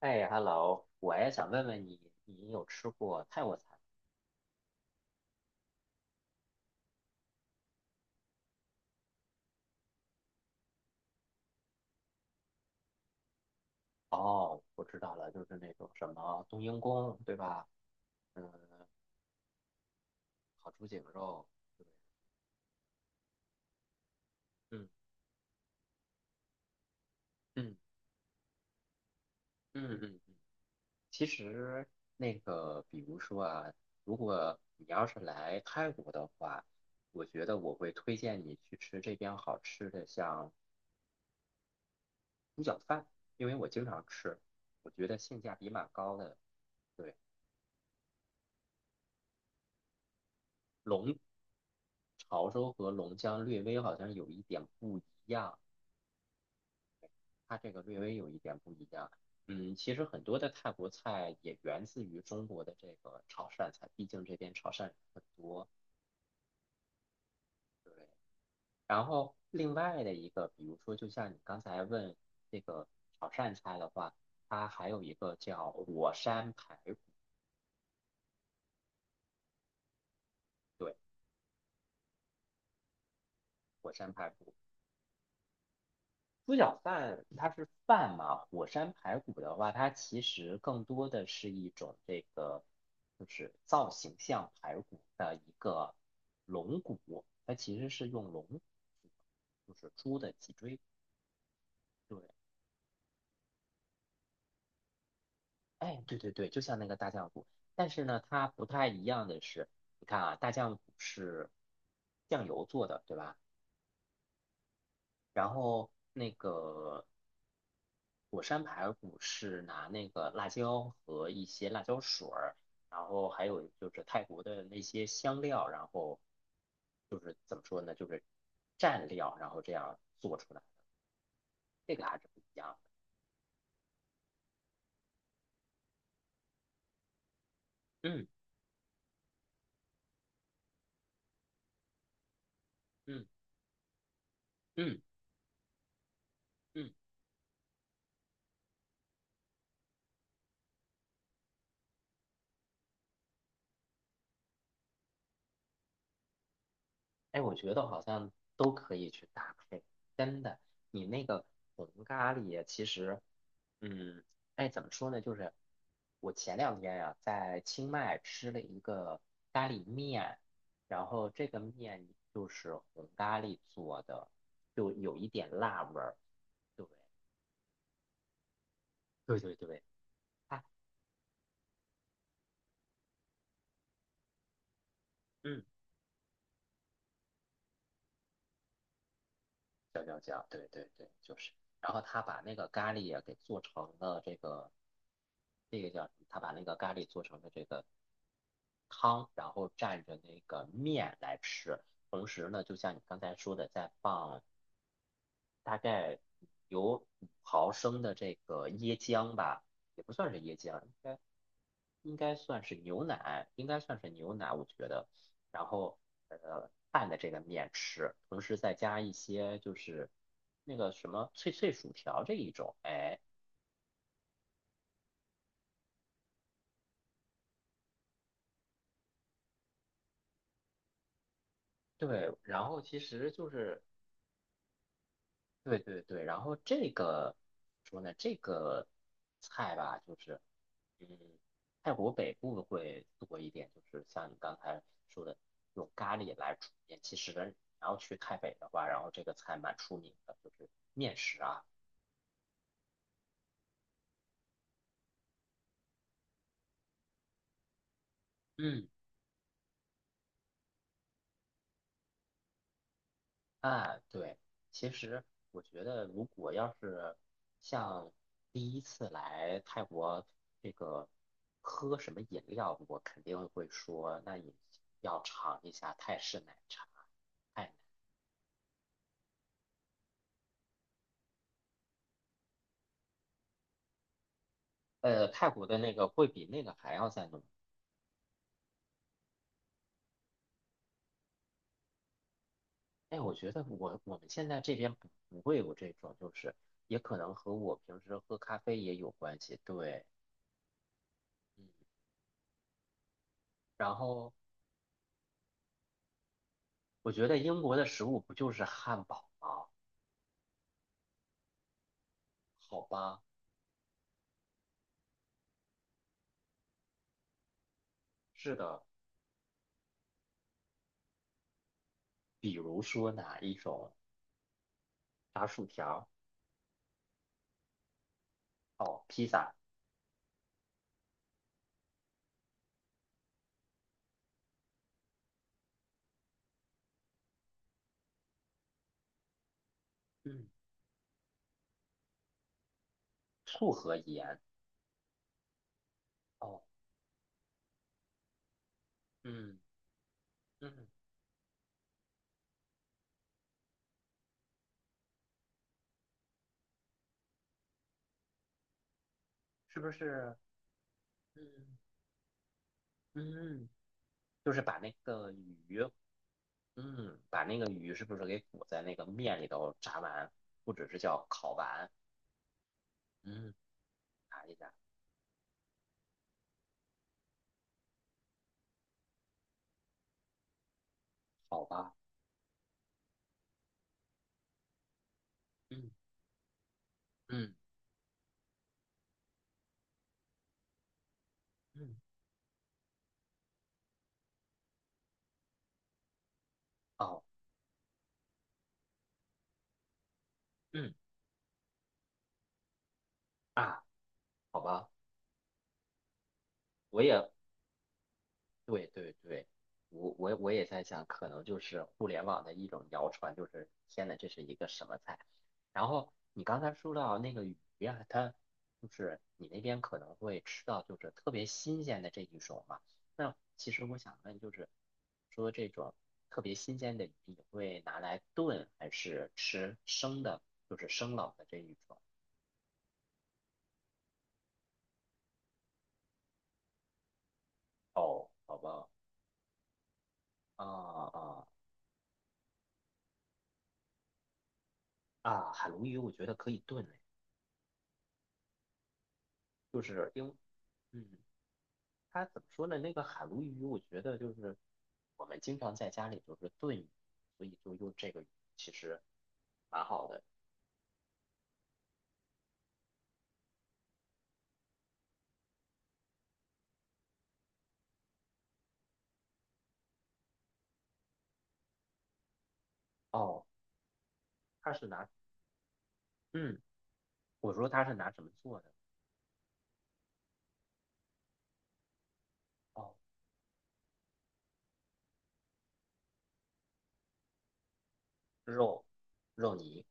哎，hello，我也想问问你，你有吃过泰国菜吗？哦，我知道了，就是那种什么冬阴功，对吧？嗯，烤猪颈肉，对，嗯嗯嗯嗯。其实那个，比如说啊，如果你要是来泰国的话，我觉得我会推荐你去吃这边好吃的，像猪脚饭，因为我经常吃，我觉得性价比蛮高的。对。龙潮州和龙江略微好像有一点不一样，它这个略微有一点不一样。嗯，其实很多的泰国菜也源自于中国的这个潮汕菜，毕竟这边潮汕人很多。对，然后另外的一个，比如说，就像你刚才问这个潮汕菜的话，它还有一个叫火山排骨，对，火山排骨。猪脚饭它是饭嘛，火山排骨的话，它其实更多的是一种这个，就是造型像排骨的一个龙骨，它其实是用龙，就是猪的脊椎，对，哎，对对对，就像那个大酱骨，但是呢，它不太一样的是，你看啊，大酱骨是酱油做的，对吧？然后那个火山排骨是拿那个辣椒和一些辣椒水儿，然后还有就是泰国的那些香料，然后就是怎么说呢，就是蘸料，然后这样做出来，这个还是不一样的。嗯嗯嗯嗯。哎，我觉得好像都可以去搭配，真的。你那个红咖喱，其实，嗯，哎，怎么说呢？就是我前两天呀、在清迈吃了一个咖喱面，然后这个面就是红咖喱做的，就有一点辣味儿。对，对对对，它，嗯，搅搅搅，对对对，就是。然后他把那个咖喱也给做成了这个，这个叫什么？他把那个咖喱做成了这个汤，然后蘸着那个面来吃。同时呢，就像你刚才说的，再放大概有5毫升的这个椰浆吧，也不算是椰浆，应该。应该算是牛奶，应该算是牛奶，我觉得。然后拌的这个面吃，同时再加一些就是那个什么脆脆薯条这一种，哎，对。然后其实就是对对对，然后这个怎么说呢？这个菜吧，就是嗯，泰国北部会多一点，就是像你刚才说的用咖喱来煮面。其实然后去泰北的话，然后这个菜蛮出名的，就是面食啊。嗯，哎，对，其实我觉得，如果要是像第一次来泰国这个喝什么饮料，我肯定会说，那你要尝一下泰式奶茶，泰泰国的那个会比那个还要再浓。哎，我觉得我们现在这边不会有这种，就是也可能和我平时喝咖啡也有关系。对，嗯，然后我觉得英国的食物不就是汉堡吗？好吧，是的，比如说哪一种炸薯条？哦，披萨，嗯，醋和盐，哦，嗯嗯，是不是？嗯嗯，就是把那个鱼，把那个鱼是不是给裹在那个面里头炸完，或者是叫烤完？嗯，查一下，好吧，嗯嗯嗯，哦，嗯啊，好吧，我也对对对，我也在想，可能就是互联网的一种谣传，就是天呐，这是一个什么菜？然后你刚才说到那个鱼呀、它就是你那边可能会吃到就是特别新鲜的这一种嘛。那其实我想问，就是说这种特别新鲜的鱼，你会拿来炖还是吃生的？就是生冷的这一种？哦，宝宝啊啊啊，海鲈鱼我觉得可以炖哎，就是因为。嗯，它怎么说呢？那个海鲈鱼，我觉得就是我们经常在家里就是炖鱼所以就用这个鱼，其实蛮好的。哦，它是拿，嗯，我说它是拿什么做的？哦，肉，肉泥，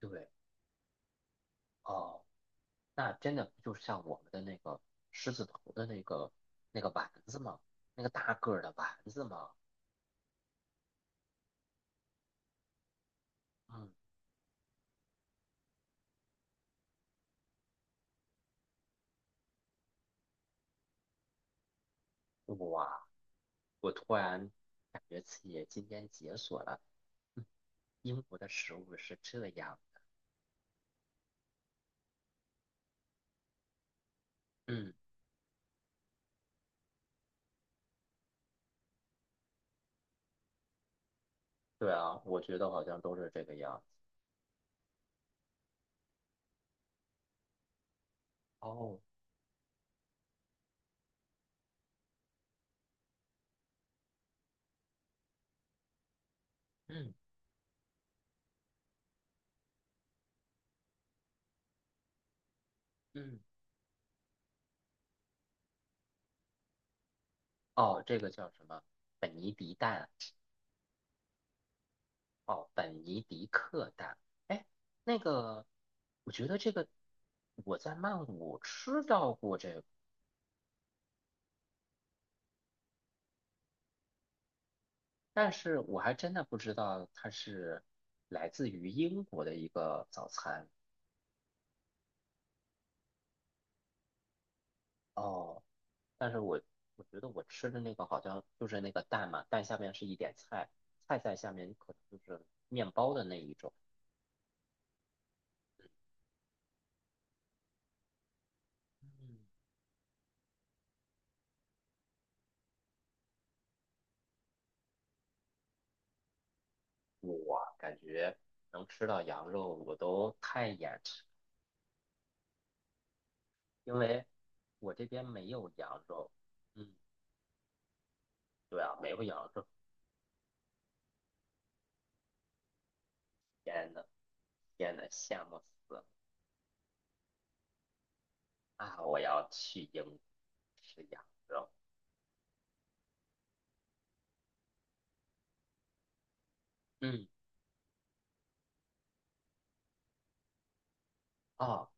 对，哦，那真的不就是像我们的那个狮子头的那个丸子吗？那个大个儿的丸子吗？嗯，哇，我突然感觉自己今天解锁了，嗯，英国的食物是这样，嗯。对啊，我觉得好像都是这个样子。哦，嗯嗯，哦，这个叫什么？本尼迪蛋，哦，本尼迪克蛋。哎，那个，我觉得这个我在曼谷吃到过这个，但是我还真的不知道它是来自于英国的一个早餐。哦，但是我觉得我吃的那个好像就是那个蛋嘛，蛋下面是一点菜，菜在下面可能就是面包的那一种。嗯我啊感觉能吃到羊肉，我都太眼馋，因为我这边没有羊肉。嗯，对啊，没有羊肉。天呐，天呐，羡慕死了啊！我要去英国吃羊肉。嗯，哦，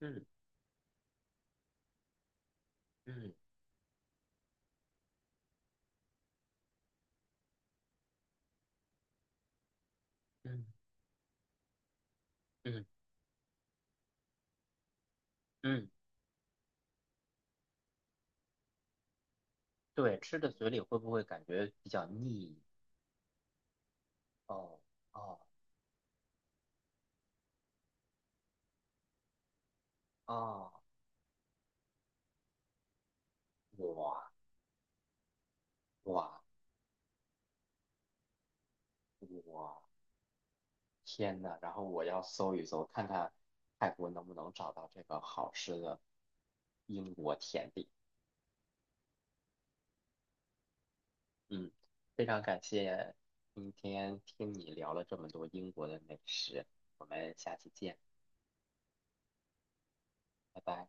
嗯嗯嗯嗯嗯，对，吃的嘴里会不会感觉比较腻？哦哦哦，哇哇哇！天呐，然后我要搜一搜，看看泰国能不能找到这个好吃的英国甜点。嗯，非常感谢今天听你聊了这么多英国的美食，我们下期见，拜拜。